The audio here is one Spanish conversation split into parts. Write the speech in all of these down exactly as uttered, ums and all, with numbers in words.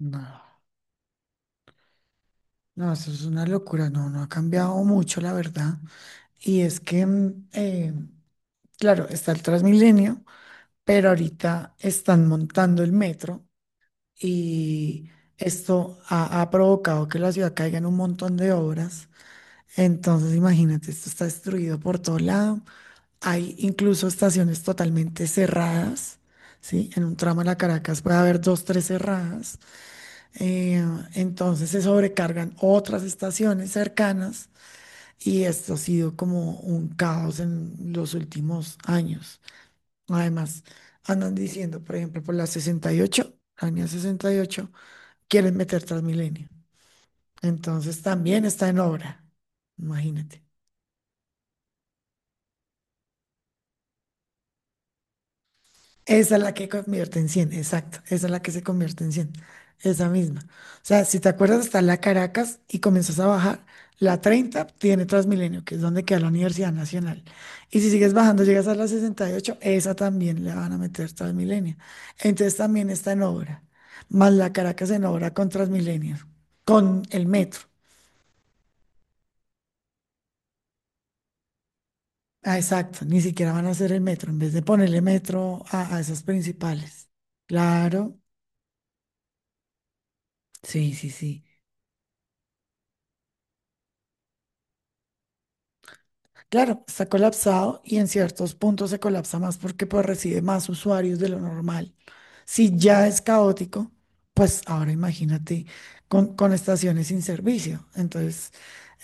No, no, eso es una locura, no, no ha cambiado mucho, la verdad. Y es que, mm, eh, claro, está el Transmilenio, pero ahorita están montando el metro y esto ha, ha provocado que la ciudad caiga en un montón de obras. Entonces, imagínate, esto está destruido por todo lado. Hay incluso estaciones totalmente cerradas, ¿sí? En un tramo de la Caracas puede haber dos, tres cerradas. Eh, entonces se sobrecargan otras estaciones cercanas y esto ha sido como un caos en los últimos años. Además, andan diciendo, por ejemplo, por la sesenta y ocho, la línea sesenta y ocho quieren meter Transmilenio. Entonces también está en obra, imagínate. Esa es la que convierte en cien, exacto. Esa es la que se convierte en cien. Esa misma. O sea, si te acuerdas, está la Caracas y comienzas a bajar. La treinta tiene Transmilenio, que es donde queda la Universidad Nacional. Y si sigues bajando, llegas a la sesenta y ocho, esa también le van a meter Transmilenio. Entonces también está en obra. Más la Caracas en obra con Transmilenio, con el metro. Ah, exacto. Ni siquiera van a hacer el metro, en vez de ponerle metro a, a esas principales. Claro. Sí, sí, sí. Claro, está colapsado y en ciertos puntos se colapsa más porque pues recibe más usuarios de lo normal. Si ya es caótico, pues ahora imagínate con, con estaciones sin servicio. Entonces,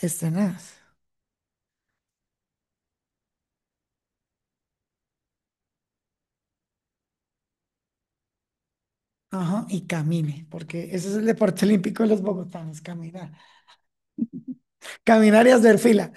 es tenaz. Ajá, y camine, porque ese es el deporte olímpico de los bogotanos, caminar. Caminar y hacer fila.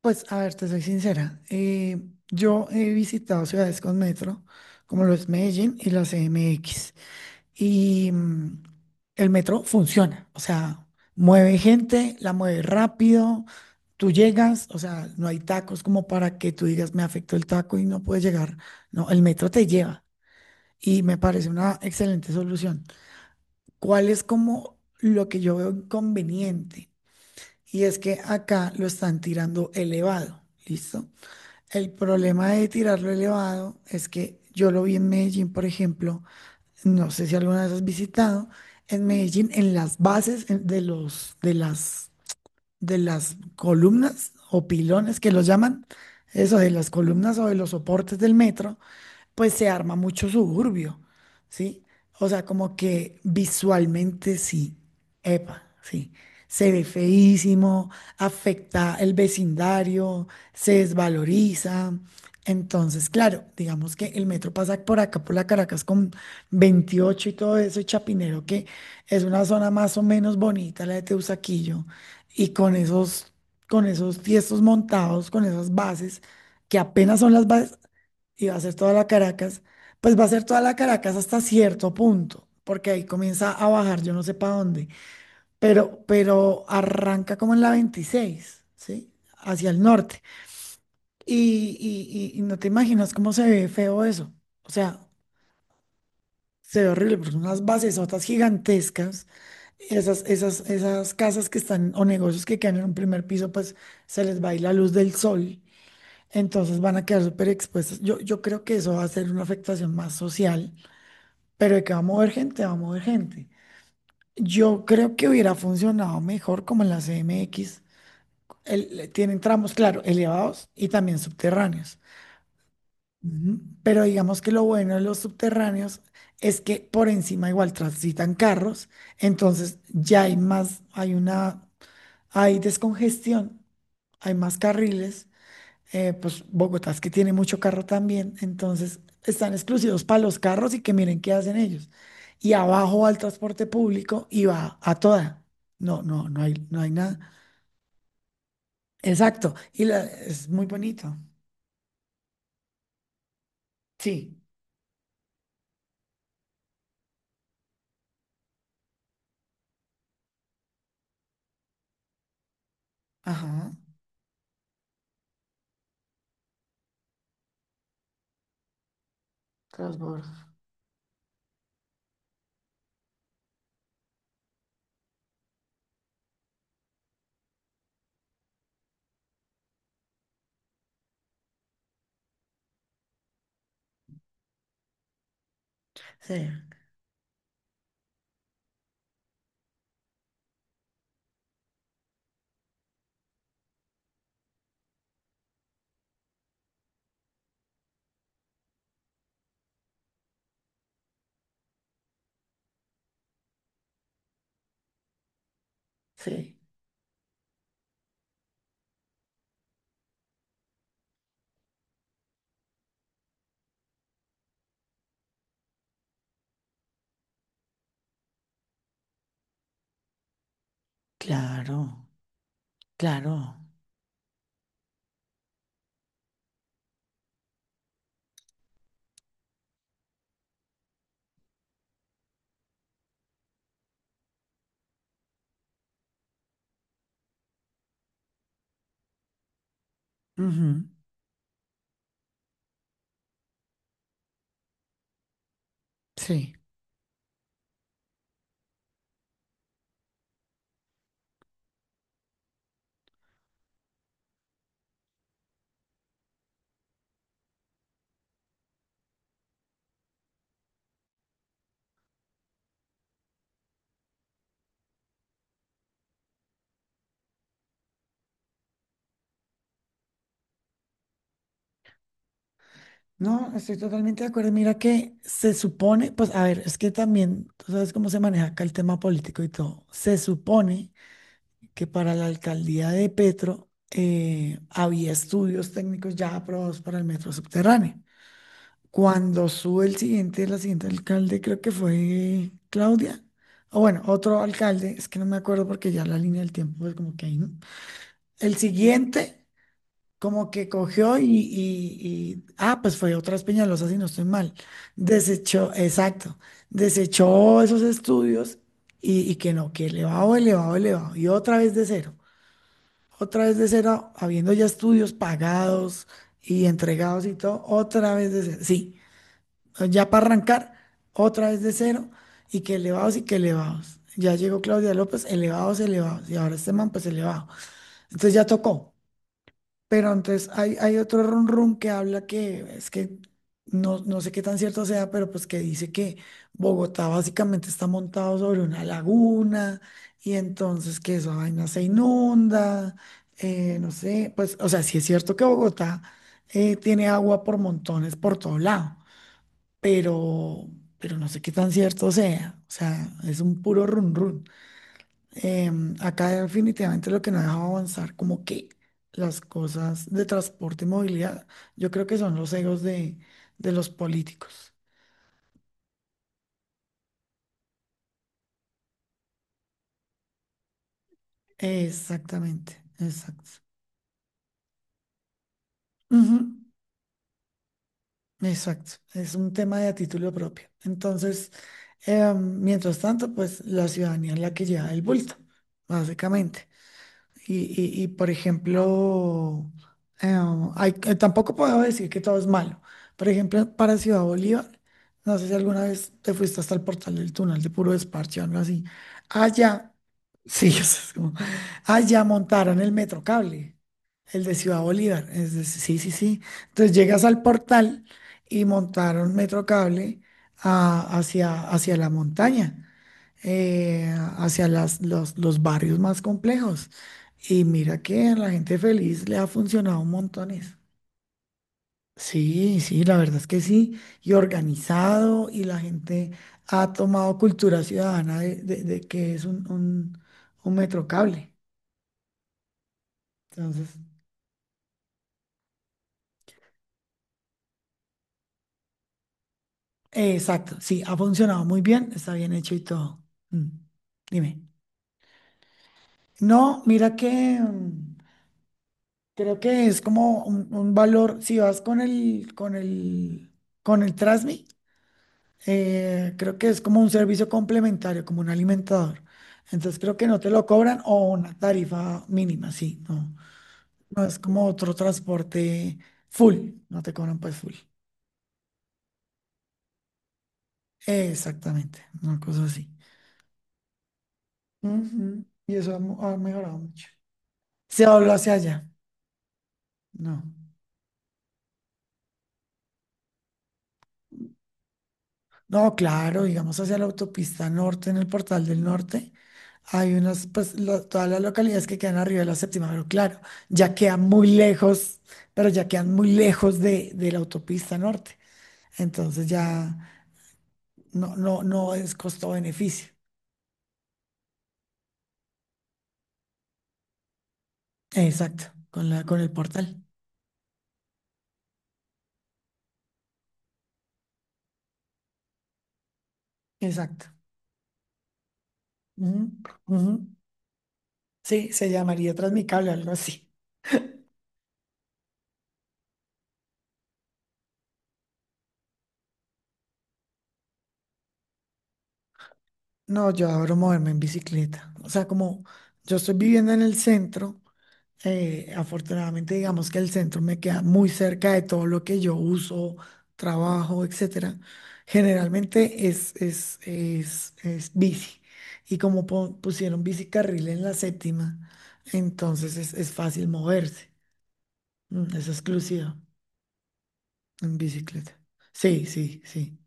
Pues, a ver, te soy sincera. Eh, yo he visitado ciudades con metro, como lo es Medellín y la C M X. Y mm, el metro funciona, o sea, mueve gente, la mueve rápido, tú llegas, o sea, no hay tacos como para que tú digas, me afectó el taco y no puedes llegar, no, el metro te lleva y me parece una excelente solución. ¿Cuál es como lo que yo veo inconveniente? Y es que acá lo están tirando elevado, ¿listo? El problema de tirarlo elevado es que yo lo vi en Medellín, por ejemplo, no sé si alguna vez has visitado, en Medellín, en las bases en- de los, de las, de las columnas o pilones que los llaman, eso, de las columnas o de los soportes del metro, pues se arma mucho suburbio, ¿sí? O sea, como que visualmente sí, epa, sí. Se ve feísimo, afecta el vecindario, se desvaloriza. Entonces, claro, digamos que el metro pasa por acá, por la Caracas con veintiocho y todo eso, y Chapinero, que es una zona más o menos bonita, la de Teusaquillo, y con esos, con esos tiestos montados, con esas bases, que apenas son las bases, y va a ser toda la Caracas, pues va a ser toda la Caracas hasta cierto punto, porque ahí comienza a bajar, yo no sé para dónde, pero, pero arranca como en la veintiséis, ¿sí? Hacia el norte. Y, y- y- y no te imaginas cómo se ve feo eso. O sea, se ve horrible, porque son unas basesotas gigantescas. Esas, esas, esas casas que están o negocios que quedan en un primer piso, pues se les va a ir la luz del sol, entonces van a quedar súper expuestas. Yo, yo creo que eso va a ser una afectación más social. Pero de que va a mover gente, va a mover gente. Yo creo que hubiera funcionado mejor como en la C M X. El- tienen tramos, claro, elevados y también subterráneos. Ujú. Pero digamos que lo bueno de los subterráneos es que por encima igual transitan carros, entonces ya hay más, hay una, hay descongestión, hay más carriles. Eh, pues Bogotá es que tiene mucho carro también, entonces están exclusivos para los carros y que miren qué hacen ellos. Y abajo va el transporte público y va a toda. No, no, no hay, no hay nada. Exacto, y la- es muy bonito. Sí, ajá. Transbordo. Sí, sí. Claro, claro. Ujú. Sí. No, estoy totalmente de acuerdo. Mira que se supone, pues a ver, es que también, tú sabes cómo se maneja acá el tema político y todo. Se supone que para la alcaldía de Petro eh, había estudios técnicos ya aprobados para el metro subterráneo. Cuando sube el siguiente, la siguiente alcalde, creo que fue Claudia, o bueno, otro alcalde, es que no me acuerdo porque ya la línea del tiempo es como que ahí, ¿no? El siguiente, como que cogió y, y- y- ah, pues fue otras Peñalosas, si no estoy mal, desechó, exacto, desechó esos estudios y, y que no, que elevado, elevado, elevado, y otra vez de cero, otra vez de cero, habiendo ya estudios pagados y entregados y todo, otra vez de cero. Sí, ya para arrancar, otra vez de cero y que elevados y que elevados. Ya llegó Claudia López, elevados, elevados, y ahora este man, pues elevado. Entonces ya tocó. Pero entonces hay, hay otro run run que habla que es que no, no sé qué tan cierto sea, pero pues que dice que Bogotá básicamente está montado sobre una laguna y entonces que esa vaina se inunda, eh, no sé, pues o sea, sí es cierto que Bogotá eh, tiene agua por montones por todo lado, pero, pero no sé qué tan cierto sea, o sea, es un puro run run. Em, acá definitivamente lo que no ha dejado avanzar, como que las cosas de transporte y movilidad, yo creo que son los egos de, de los políticos. Exactamente, exacto. Ujú, exacto, es un tema de a título propio. Entonces, em, mientras tanto, pues la ciudadanía es la que lleva el bulto, básicamente. Y, y- y, por ejemplo, eh, hay- eh, tampoco puedo decir que todo es malo. Por ejemplo, para Ciudad Bolívar, no sé si alguna vez te fuiste hasta el portal del túnel de Puro Desparche o algo así. Allá, sí, o sea, es como- allá montaron el metro cable, el de Ciudad Bolívar. Es de- sí, sí, sí. Entonces llegas al portal y montaron metro cable ah, hacia, hacia la montaña. Eh, hacia las, los, los barrios más complejos. Y mira que a la gente feliz le ha funcionado un montón eso. Sí, sí, la verdad es que sí. Y organizado, y la gente ha tomado cultura ciudadana de, de- de que es un, un, un metrocable. Entonces, eh, exacto, sí, ha funcionado muy bien, está bien hecho y todo. Mm. Dime. No, mira que... mm, creo que es como un, un valor, si vas con el, con el, con el Trasmi, eh, creo que es como un servicio complementario, como un alimentador. Entonces creo que no te lo cobran o una tarifa mínima, sí, no. No es como otro transporte full, no te cobran pues full. Exactamente, una cosa así. Ujú. Y eso ha, mu- ha mejorado mucho. Se habló hacia allá, no. No, claro, digamos hacia la autopista norte, en el Portal del Norte, hay unas, pues lo- todas las localidades que quedan arriba de la séptima, pero claro, ya quedan muy lejos, pero ya quedan muy lejos de, de la autopista norte. Entonces ya no, no, no es costo-beneficio. Exacto, con la, con el portal. Exacto. Ujú, ujú. Sí, se llamaría Transmicable, algo así. No, yo adoro moverme en bicicleta. O sea, como yo estoy viviendo en el centro. Eh, afortunadamente, digamos que el centro me queda muy cerca de todo lo que yo uso, trabajo, etcétera. Generalmente es, es, es, es bici. Y como po- pusieron bicicarril en la séptima, entonces es, es fácil moverse. Mm. Es exclusiva en bicicleta. Sí, sí, sí.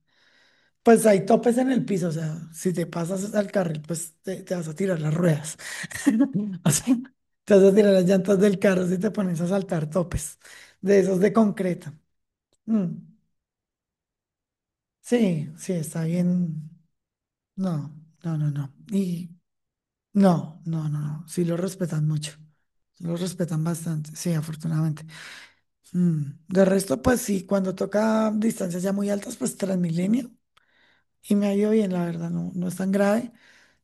Pues hay topes en el piso, o sea, si te pasas al carril, pues te, te vas a tirar las ruedas. O sea, te vas a tirar las llantas del carro si te pones a saltar topes, de esos de concreto. Mm. Sí, sí, está bien. No, no, no, no. Y no, no, no, no. Sí lo respetan mucho. Sí, lo respetan bastante, sí, afortunadamente. Mm, De resto, pues sí, cuando toca distancias ya muy altas, pues Transmilenio. Y me ha ido bien, la verdad, no, no es tan grave.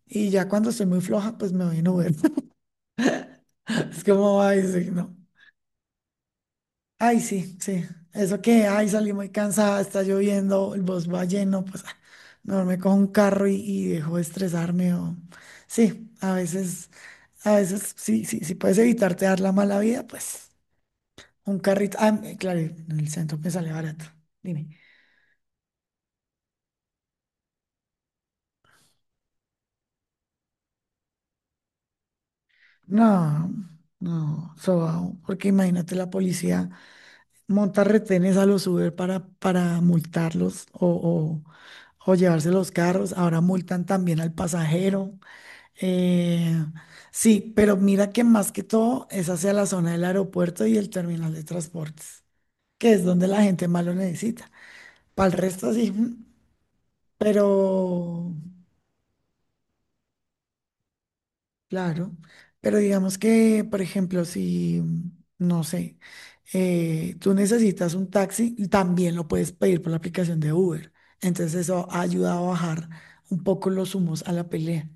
Y ya cuando estoy muy floja, pues me voy en Uber. Es como, ay, sí, no. Ay, sí, sí. Eso que, ay, salí muy cansada, está lloviendo, el bus va lleno, pues ah, mejor me cojo un carro y, y dejo de estresarme. O... Sí, a veces, a veces, sí, sí, si puedes evitarte dar la mala vida, pues un carrito. Ah, eh, claro, en el centro me sale barato. Dime. No, no, sobao, porque imagínate la policía monta retenes a los Uber para, para multarlos o, o, o llevarse los carros. Ahora multan también al pasajero. Eh, sí, pero mira que más que todo es hacia la zona del aeropuerto y el terminal de transportes, que es donde la gente más lo necesita. Para el resto sí, mm, pero claro, pero digamos que, por ejemplo, si, mm, no sé, eh, tú necesitas un taxi, y también lo puedes pedir por la aplicación de Uber. Entonces eso ayuda a bajar un poco los humos a la pelea.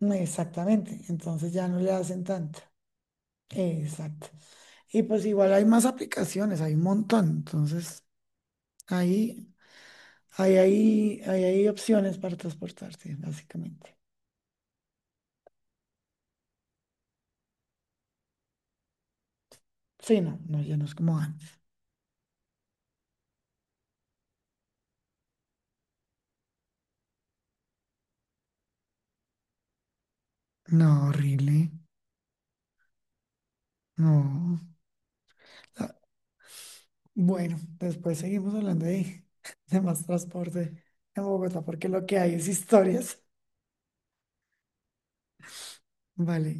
Ujú. Exactamente, entonces ya no le hacen tanto. Exacto. Y pues igual hay más aplicaciones, hay un montón. Entonces, ahí, ahí, ahí, ahí hay opciones para transportarse, básicamente. Sí, no, no, ya no es como antes. No, horrible. No. Ah, Bueno, después seguimos hablando de, de más transporte en Bogotá, porque lo que hay es historias. Vale.